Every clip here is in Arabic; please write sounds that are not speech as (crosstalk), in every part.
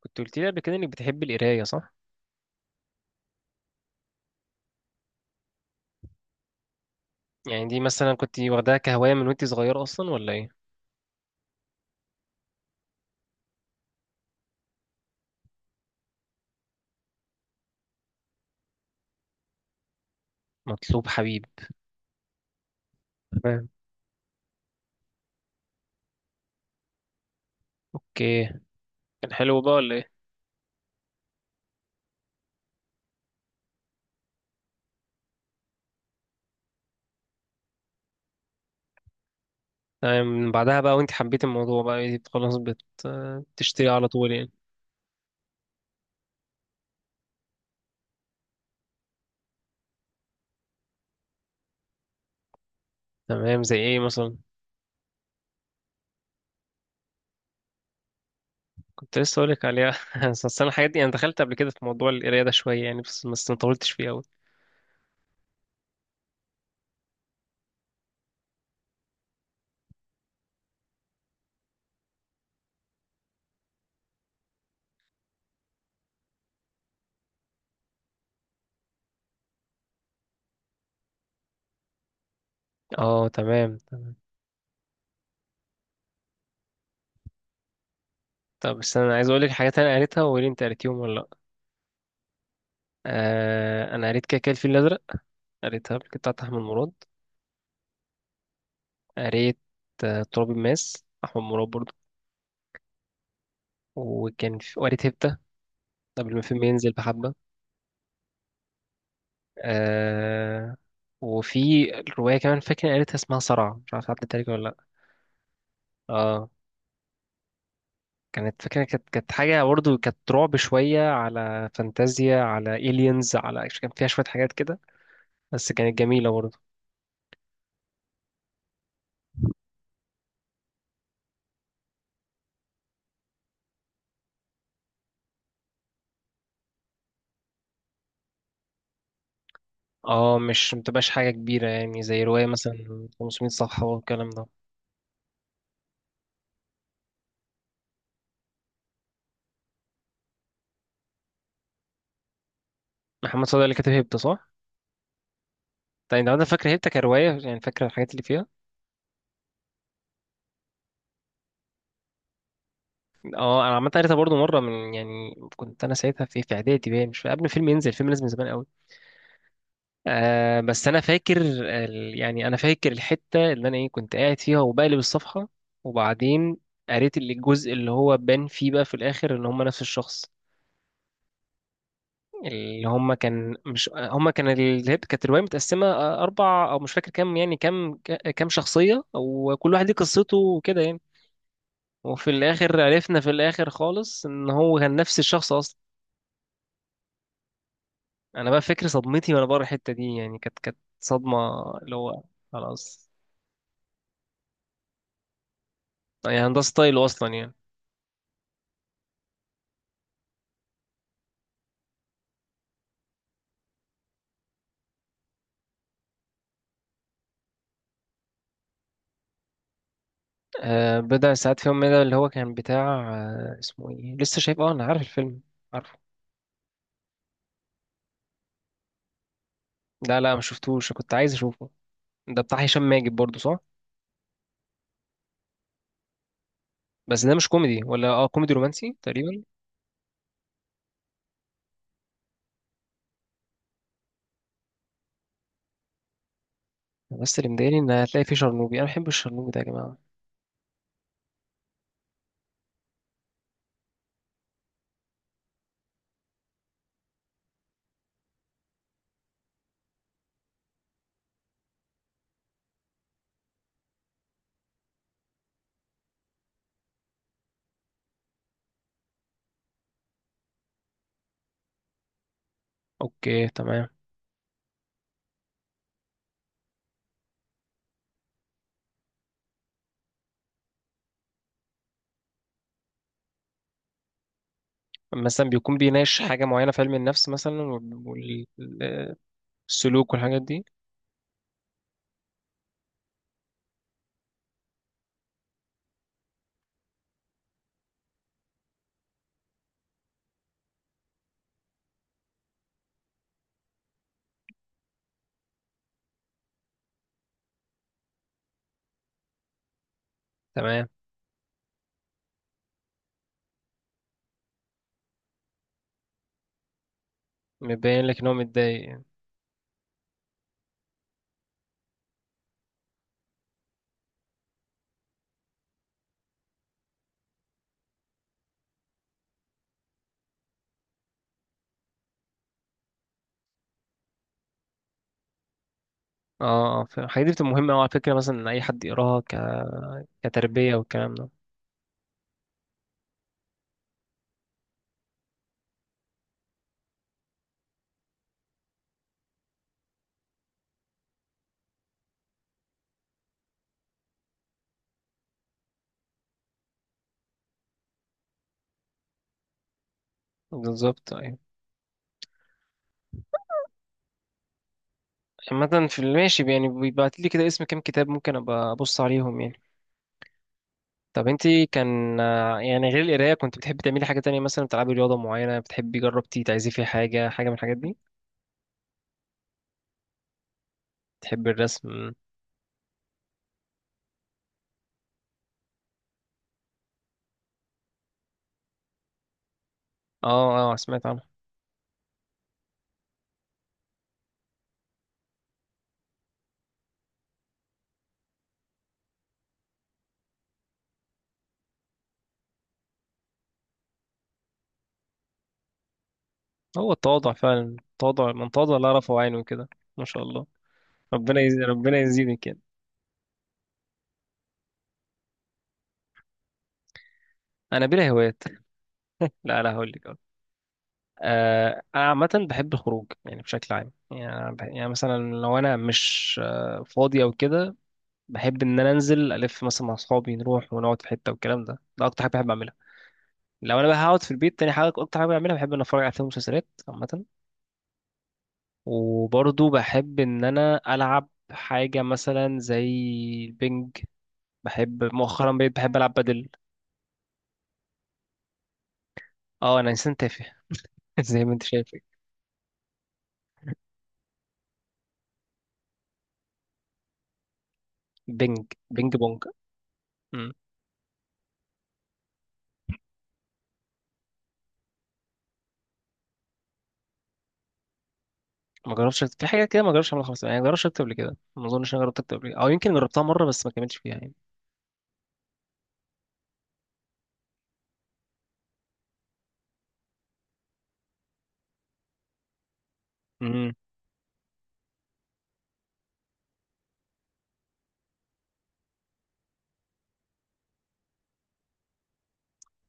كنت قلت لي قبل كده انك بتحب القرايه، صح؟ يعني دي مثلا كنت واخداها كهوايه من وانت صغيره اصلا ولا ايه؟ مطلوب حبيب. تمام. اوكي. كان حلو بقى ولا ايه؟ تمام، من بعدها بقى وانت حبيت الموضوع بقى إيه، خلاص بتشتري على طول يعني؟ تمام، زي ايه مثلا؟ كنت لسه اقول لك عليها. (laughs) اصل انا الحاجات دي انا دخلت قبل كده في موضوع القرايه ده شويه يعني، بس ما طولتش فيه قوي. اه تمام. طب بس انا عايز اقول لك حاجات انا قريتها وقولي انت قريتيهم ولا لا. آه انا قريت كده كده الفيل الازرق، قريتها قبل كده بتاعت احمد مراد. قريت تراب الماس أحمد مراد برضه. وكان في وقريت هبتة قبل ما الفيلم ينزل بحبة. آه، وفي الرواية كمان فاكر قريتها اسمها صرع، مش عارف عدت عليك ولا لأ؟ اه، كانت فاكرة، كانت حاجة برضه، كانت رعب شوية، على فانتازيا، على إيليانز، على كان فيها شوية حاجات كده، بس كانت جميلة برضه. اه مش متبقاش حاجة كبيرة يعني، زي رواية مثلا 500 صفحة والكلام ده. محمد صادق اللي كاتب هبتة، صح؟ طيب انت عندك فاكر هبتة كرواية؟ يعني فاكرة الحاجات اللي فيها؟ اه انا عامه قريتها برضو مره، من يعني كنت انا ساعتها في اعدادي، باين مش قبل الفيلم ينزل، الفيلم نزل من زمان قوي. آه بس انا فاكر يعني انا فاكر الحته اللي انا ايه، كنت قاعد فيها وبقلب الصفحه. وبعدين قريت الجزء اللي هو بان فيه بقى في الاخر ان هم نفس الشخص، اللي هم كان، مش هم كان ال- هي كانت الروايه متقسمه اربع او مش فاكر كام، يعني كام كام شخصيه وكل واحد ليه قصته وكده يعني. وفي الاخر عرفنا، في الاخر خالص، ان هو كان نفس الشخص اصلا. انا بقى فكرة صدمتي وانا بره الحتة دي، يعني كانت صدمة. اللي هو خلاص، يعني ده ستايله اصلا يعني. آه بضع ساعات في يوم، من ده اللي هو كان بتاع اسمه ايه، لسه شايف، اه انا عارف الفيلم. عارفه. لا لا ما شفتوش، كنت عايز اشوفه. ده بتاع هشام ماجد برضه، صح؟ بس ده مش كوميدي، ولا اه كوميدي رومانسي تقريبا؟ بس اللي مضايقني ان هتلاقي فيه شرنوبي، انا بحب الشرنوبي ده يا جماعة. اوكي تمام. مثلا بيكون بيناقش حاجة معينة في علم النفس مثلا؟ والسلوك والحاجات دي. تمام. مبين لك ان هو متضايق. اه، الحاجات دي بتبقى مهمة أوي على فكرة، مثلا إن أي حد يقراها كتربية والكلام ده. بالظبط، أيوة. عامة في الماشي يعني بيبعت لي كده اسم كام كتاب ممكن أبقى أبص عليهم يعني. طب انتي كان يعني غير القراية كنت بتحبي تعملي حاجة تانية؟ مثلا بتلعبي رياضة معينة، بتحبي جربتي تعزفي فيها حاجة، حاجة من الحاجات دي؟ بتحبي الرسم. اه اه سمعت عنه. هو التواضع فعلا، التواضع من تواضع لا رفع عينه كده. ما شاء الله. ربنا يزيدك يعني. أنا بلا هوايات. لا لا هقول لك. انا عامه بحب الخروج يعني بشكل عام، يعني يعني مثلا لو انا مش فاضي او كده، بحب ان انا انزل الف مثلا مع اصحابي، نروح ونقعد في حته والكلام ده، ده اكتر حاجه بحب اعملها. لو انا بقى هقعد في البيت، تاني حاجه اكتر حاجه بعملها بحب ان اتفرج على فيلم ومسلسلات عامه. وبرضه بحب ان انا العب حاجه مثلا زي البنج. بحب مؤخرا بقيت بحب العب بدل. اه انا انسان تافه (laughs) زي ما انت شايف. بنج بنج بونج. ما جربتش أكتب في حاجة كده، ما جربتش أعملها خالص يعني، ما جربتش أكتب قبل كده، ما أظنش أنا جربت أكتب قبل كده، أو يمكن جربتها مرة بس ما كملتش فيها يعني. امم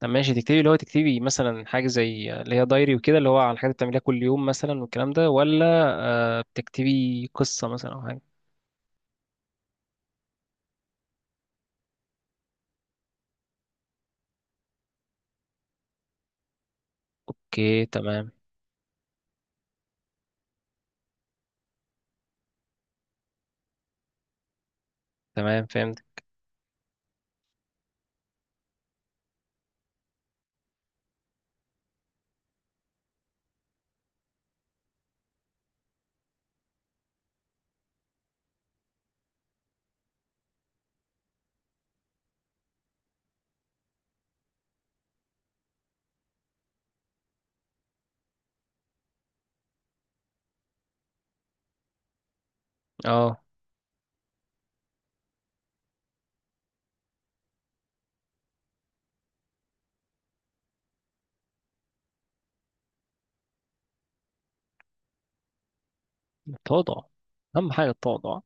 طب ماشي تكتبي، اللي هو تكتبي مثلا حاجة زي اللي هي دايري وكده، اللي هو عن الحاجات اللي بتعمليها كل يوم مثلا والكلام ده، ولا آه بتكتبي قصة مثلا أو حاجة؟ أوكي تمام. تمام فهمت. أه التواضع، أهم حاجة التواضع.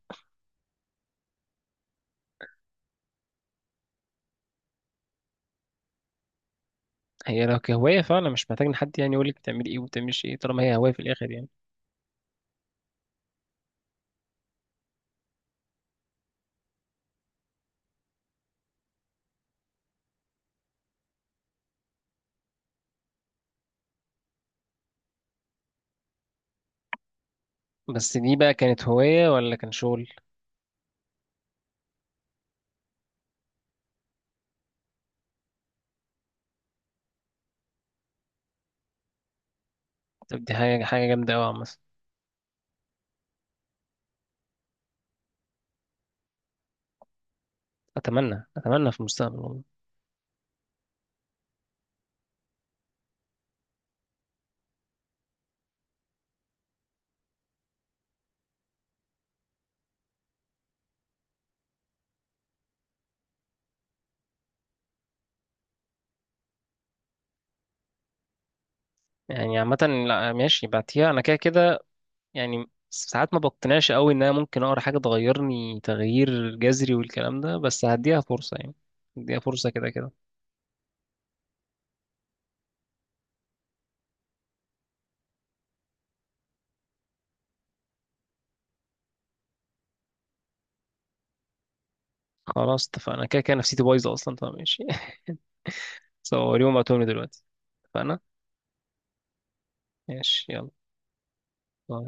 هي لو كهواية فعلا مش محتاج إن حد يعني يقولك بتعملي إيه وبتعمليش إيه، طالما هي هواية في الآخر يعني. بس دي بقى كانت هواية ولا كان شغل؟ طب دي حاجة حاجة جامدة أوي عامة. اتمنى اتمنى في المستقبل والله. يعني عامه، لا ماشي بعتيها انا كده كده، يعني ساعات ما بقتنعش قوي ان انا ممكن اقرا حاجه تغيرني تغيير جذري والكلام ده، بس هديها فرصه يعني، هديها فرصه كده كده. خلاص اتفقنا، كده كده نفسيتي بايظه اصلا فماشي. (laughs) سو اليوم بعتهم لي دلوقتي، اتفقنا؟ ماشي يلا. باي.